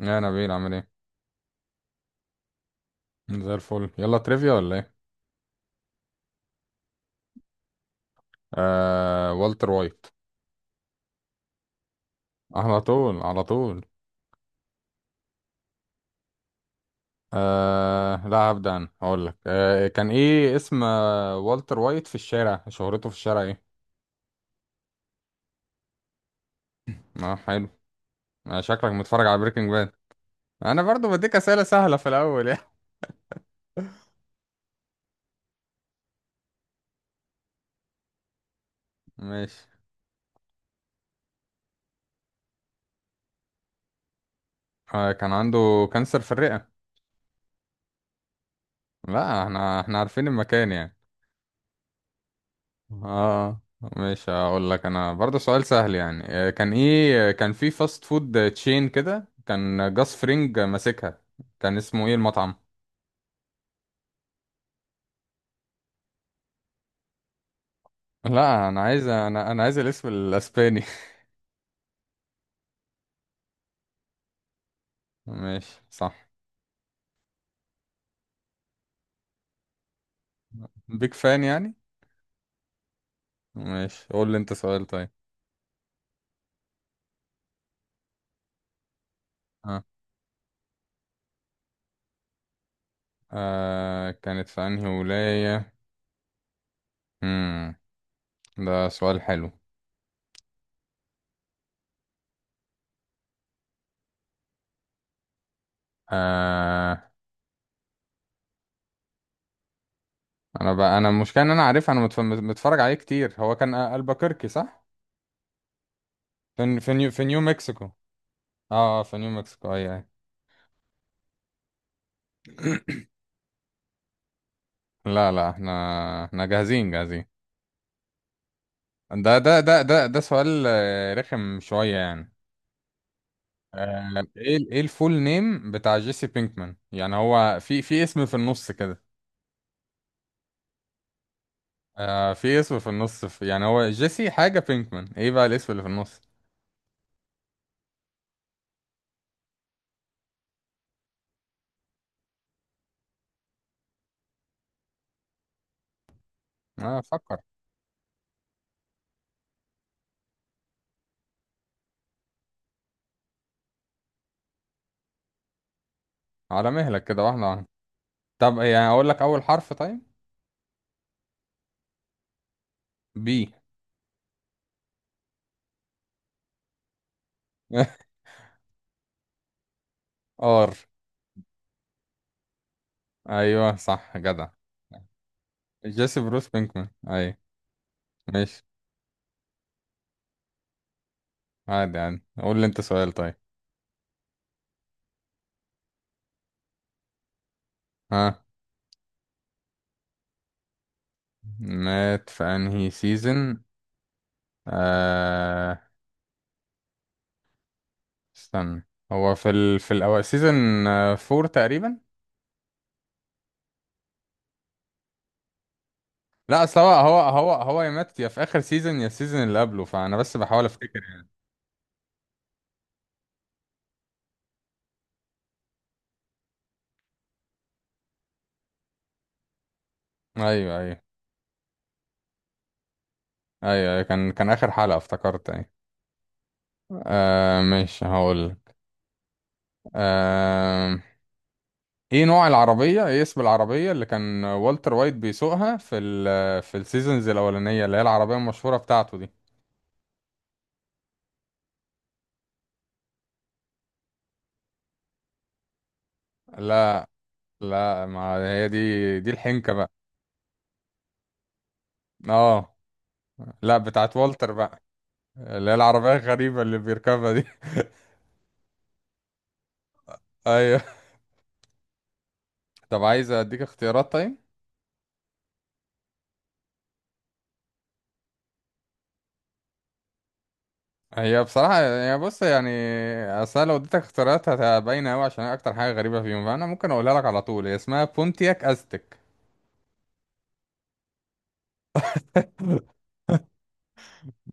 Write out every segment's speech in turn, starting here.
يا نبيل، عامل ايه؟ زي الفل. يلا تريفيا ولا ايه؟ والتر وايت. على طول، على طول. لا، هبدأ انا. هقول لك كان ايه اسم والتر وايت في الشارع، شهرته في الشارع ايه؟ اه، حلو. شكلك متفرج على بريكنج باد. انا برضو بديك اسئله سهله في الاول يعني. ماشي. كان عنده كانسر في الرئه. لا، احنا عارفين المكان يعني. اه. مش هقول لك انا برضه سؤال سهل يعني، كان ايه؟ كان في فاست فود تشين كده كان جاس فرينج ماسكها، كان اسمه ايه المطعم؟ لا، انا عايز انا انا عايز الاسم الاسباني. ماشي، صح. بيك فان يعني. ماشي، قول لي انت سؤال طيب. آه. كانت في انهي ولاية؟ امم ده سؤال حلو. آه انا بقى، انا المشكلة ان انا عارف، انا متفرج عليه كتير. هو كان البكركي، صح؟ في نيو مكسيكو. اه في نيو مكسيكو، اي اي. لا، لا، احنا جاهزين، جاهزين. ده سؤال رخم شوية يعني. ايه ايه الفول نيم بتاع جيسي بينكمان؟ يعني هو في اسم في النص كده. في اسم في النص، في، يعني هو جيسي حاجة بينكمان، ايه بقى الاسم اللي في النص؟ اه، فكر. على مهلك كده، واحدة واحدة. طب يعني اقول لك اول حرف طيب؟ بي. ار. ايوه، صح، جدع. جيسي بروس بينكمان، اي. ماشي. عادي، عادي، قول لي انت سؤال طيب. ها. مات في انهي سيزون؟ آه استنى. هو في الاول سيزون فور تقريبا. لا، اصل هو يا مات يا في اخر سيزون يا السيزون اللي قبله، فانا بس بحاول افتكر يعني. ايوه، ايوه، ايوه، أيوة، كان اخر حلقة افتكرت، ايوه. ماشي، هقول. آه ايه نوع العربية، ايه اسم العربية اللي كان والتر وايت بيسوقها في السيزونز الاولانية، اللي هي العربية المشهورة بتاعته دي؟ لا، لا، ما هي دي الحنكة بقى. اه، لا، بتاعت والتر بقى. اللي هي العربية الغريبة اللي بيركبها دي. ايوه. طب عايز اديك اختيارات طيب؟ هي بصراحة يعني، بص يعني، اصل أنا لو اديتك اختيارات هتبين اوي، عشان هي اكتر حاجة غريبة فيهم. فانا ممكن اقولها لك على طول، هي اسمها بونتياك ازتك.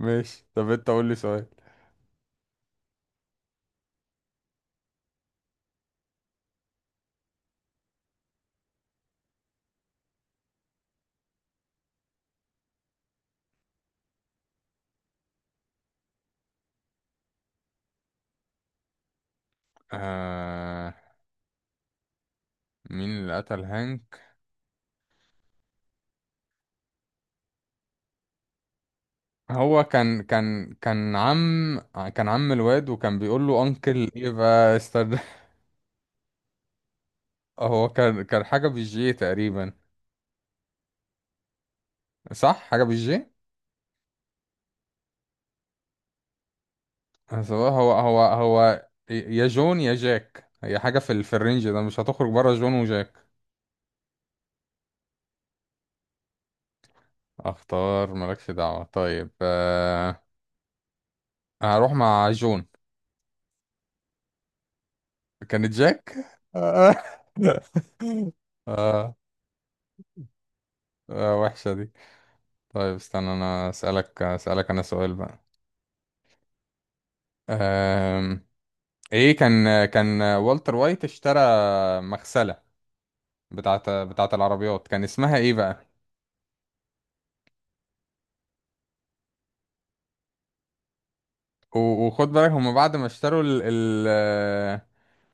ماشي، طب انت قول لي سؤال. آه... مين اللي قتل هانك؟ هو كان عم، كان عم الواد وكان بيقول له انكل ايه بقى، استنى. هو كان حاجة بالجي تقريبا. صح، حاجة بالجي. سواء هو يا جون يا جاك، هي حاجة في الرينج ده، مش هتخرج بره جون وجاك. اختار، مالكش دعوة طيب. هروح مع جون. كانت جاك. آه. آه. وحشة دي. طيب استنى، انا اسألك انا سؤال بقى. آم. ايه كان والتر وايت اشترى مغسلة بتاعت العربيات، كان اسمها ايه بقى؟ وخد بالك، هم بعد ما اشتروا ال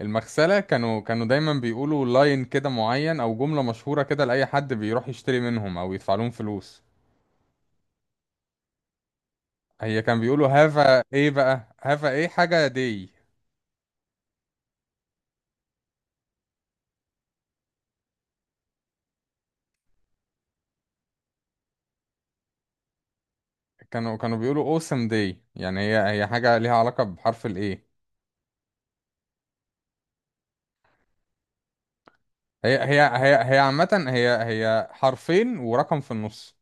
المغسلة كانوا دايما بيقولوا لاين كده معين او جملة مشهورة كده لأي حد بيروح يشتري منهم او يدفع لهم فلوس. هي كان بيقولوا هافا ايه بقى، هافا ايه حاجة دي؟ كانوا بيقولوا اوسم دي، يعني هي حاجة ليها علاقة بحرف الايه. هي عامة، هي حرفين ورقم في النص.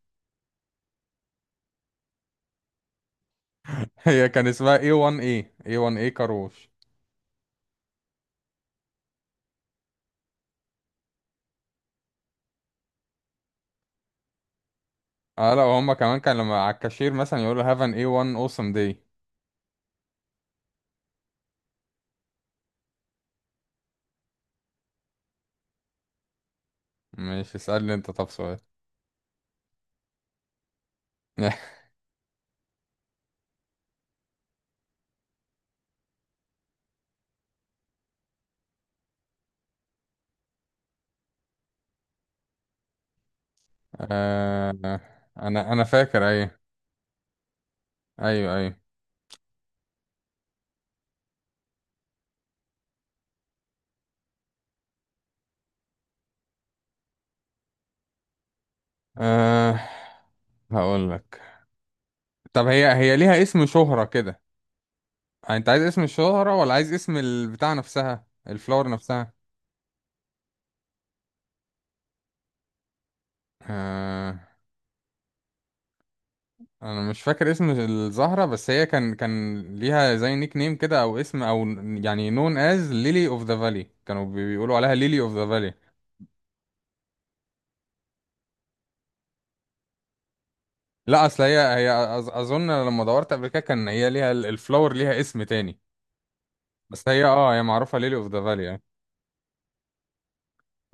هي كان اسمها A1A، A1A كاروش. اه، لا، وهم كمان كان لما على الكاشير مثلا يقولوا هاف ان A1 اوسم دي. مش، اسألني انت طب سؤال. آه انا فاكر، ايوه، ايوه، ايوه. آه هقول لك. طب هي ليها اسم شهرة كده، انت عايز اسم الشهرة ولا عايز اسم البتاع نفسها، الفلور نفسها؟ آه انا مش فاكر اسم الزهرة، بس هي كان ليها زي نيك نيم كده او اسم، او يعني نون از ليلي اوف ذا فالي. كانوا بيقولوا عليها ليلي اوف ذا فالي. لا، اصل هي اظن لما دورت قبل كده كان هي ليها الفلور ليها اسم تاني، بس هي معروفة ليلي اوف ذا فالي.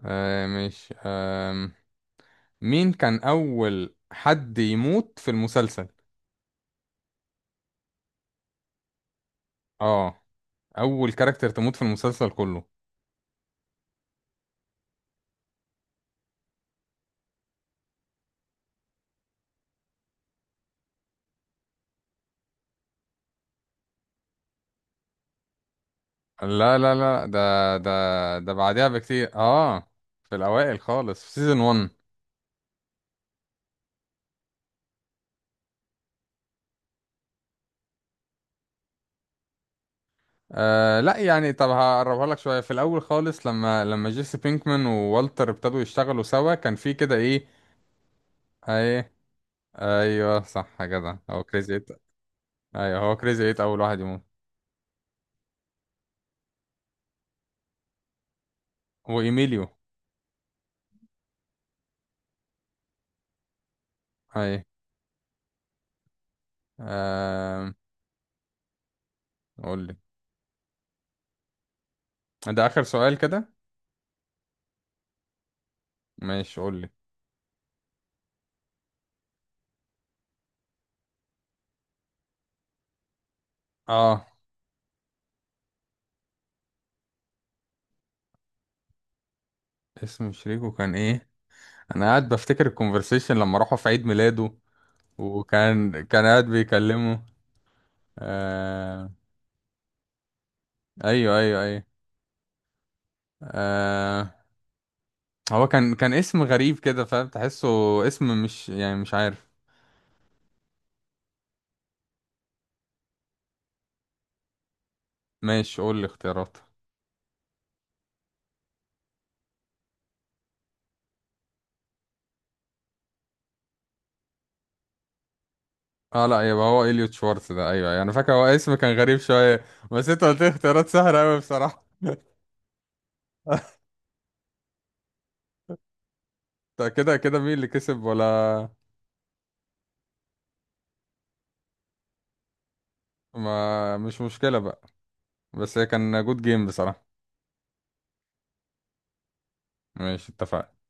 آه مش آه مين كان أول حد يموت في المسلسل؟ اه، أول كاركتر تموت في المسلسل كله. لا، لا، لا، ده، ده بعدها بكتير، اه. في الأوائل خالص، في سيزون 1. لا، يعني طب هقربها لك شوية. في الأول خالص، لما جيسي بينكمان ووالتر ابتدوا يشتغلوا سوا، كان في كده ايه؟ ايه، ايوه صح كده، هو كريزي ايت. ايوه، هو كريزي ايت أول واحد يموت. وإيميليو. ايه. آه قول لي. ده اخر سؤال كده. ماشي قول لي. اه، اسم شريكه كان ايه؟ انا قاعد بفتكر الكونفرسيشن لما راحوا في عيد ميلاده، وكان قاعد بيكلمه. آه... ايوه، ايوه، ايوه. آه... هو كان اسم غريب كده، فاهم، تحسه اسم، مش، يعني مش عارف. ماشي قول لي اختيارات. اه، لا، يبقى هو اليوت شوارتز ده، ايوه، ايوه، انا فاكر هو اسم كان غريب شويه. بس انت قلت لي اختيارات سهله قوي بصراحه. طب كده كده، مين اللي كسب ولا؟ ما مش مشكله بقى، بس هي كان جود جيم بصراحة. ماشي، اتفقنا.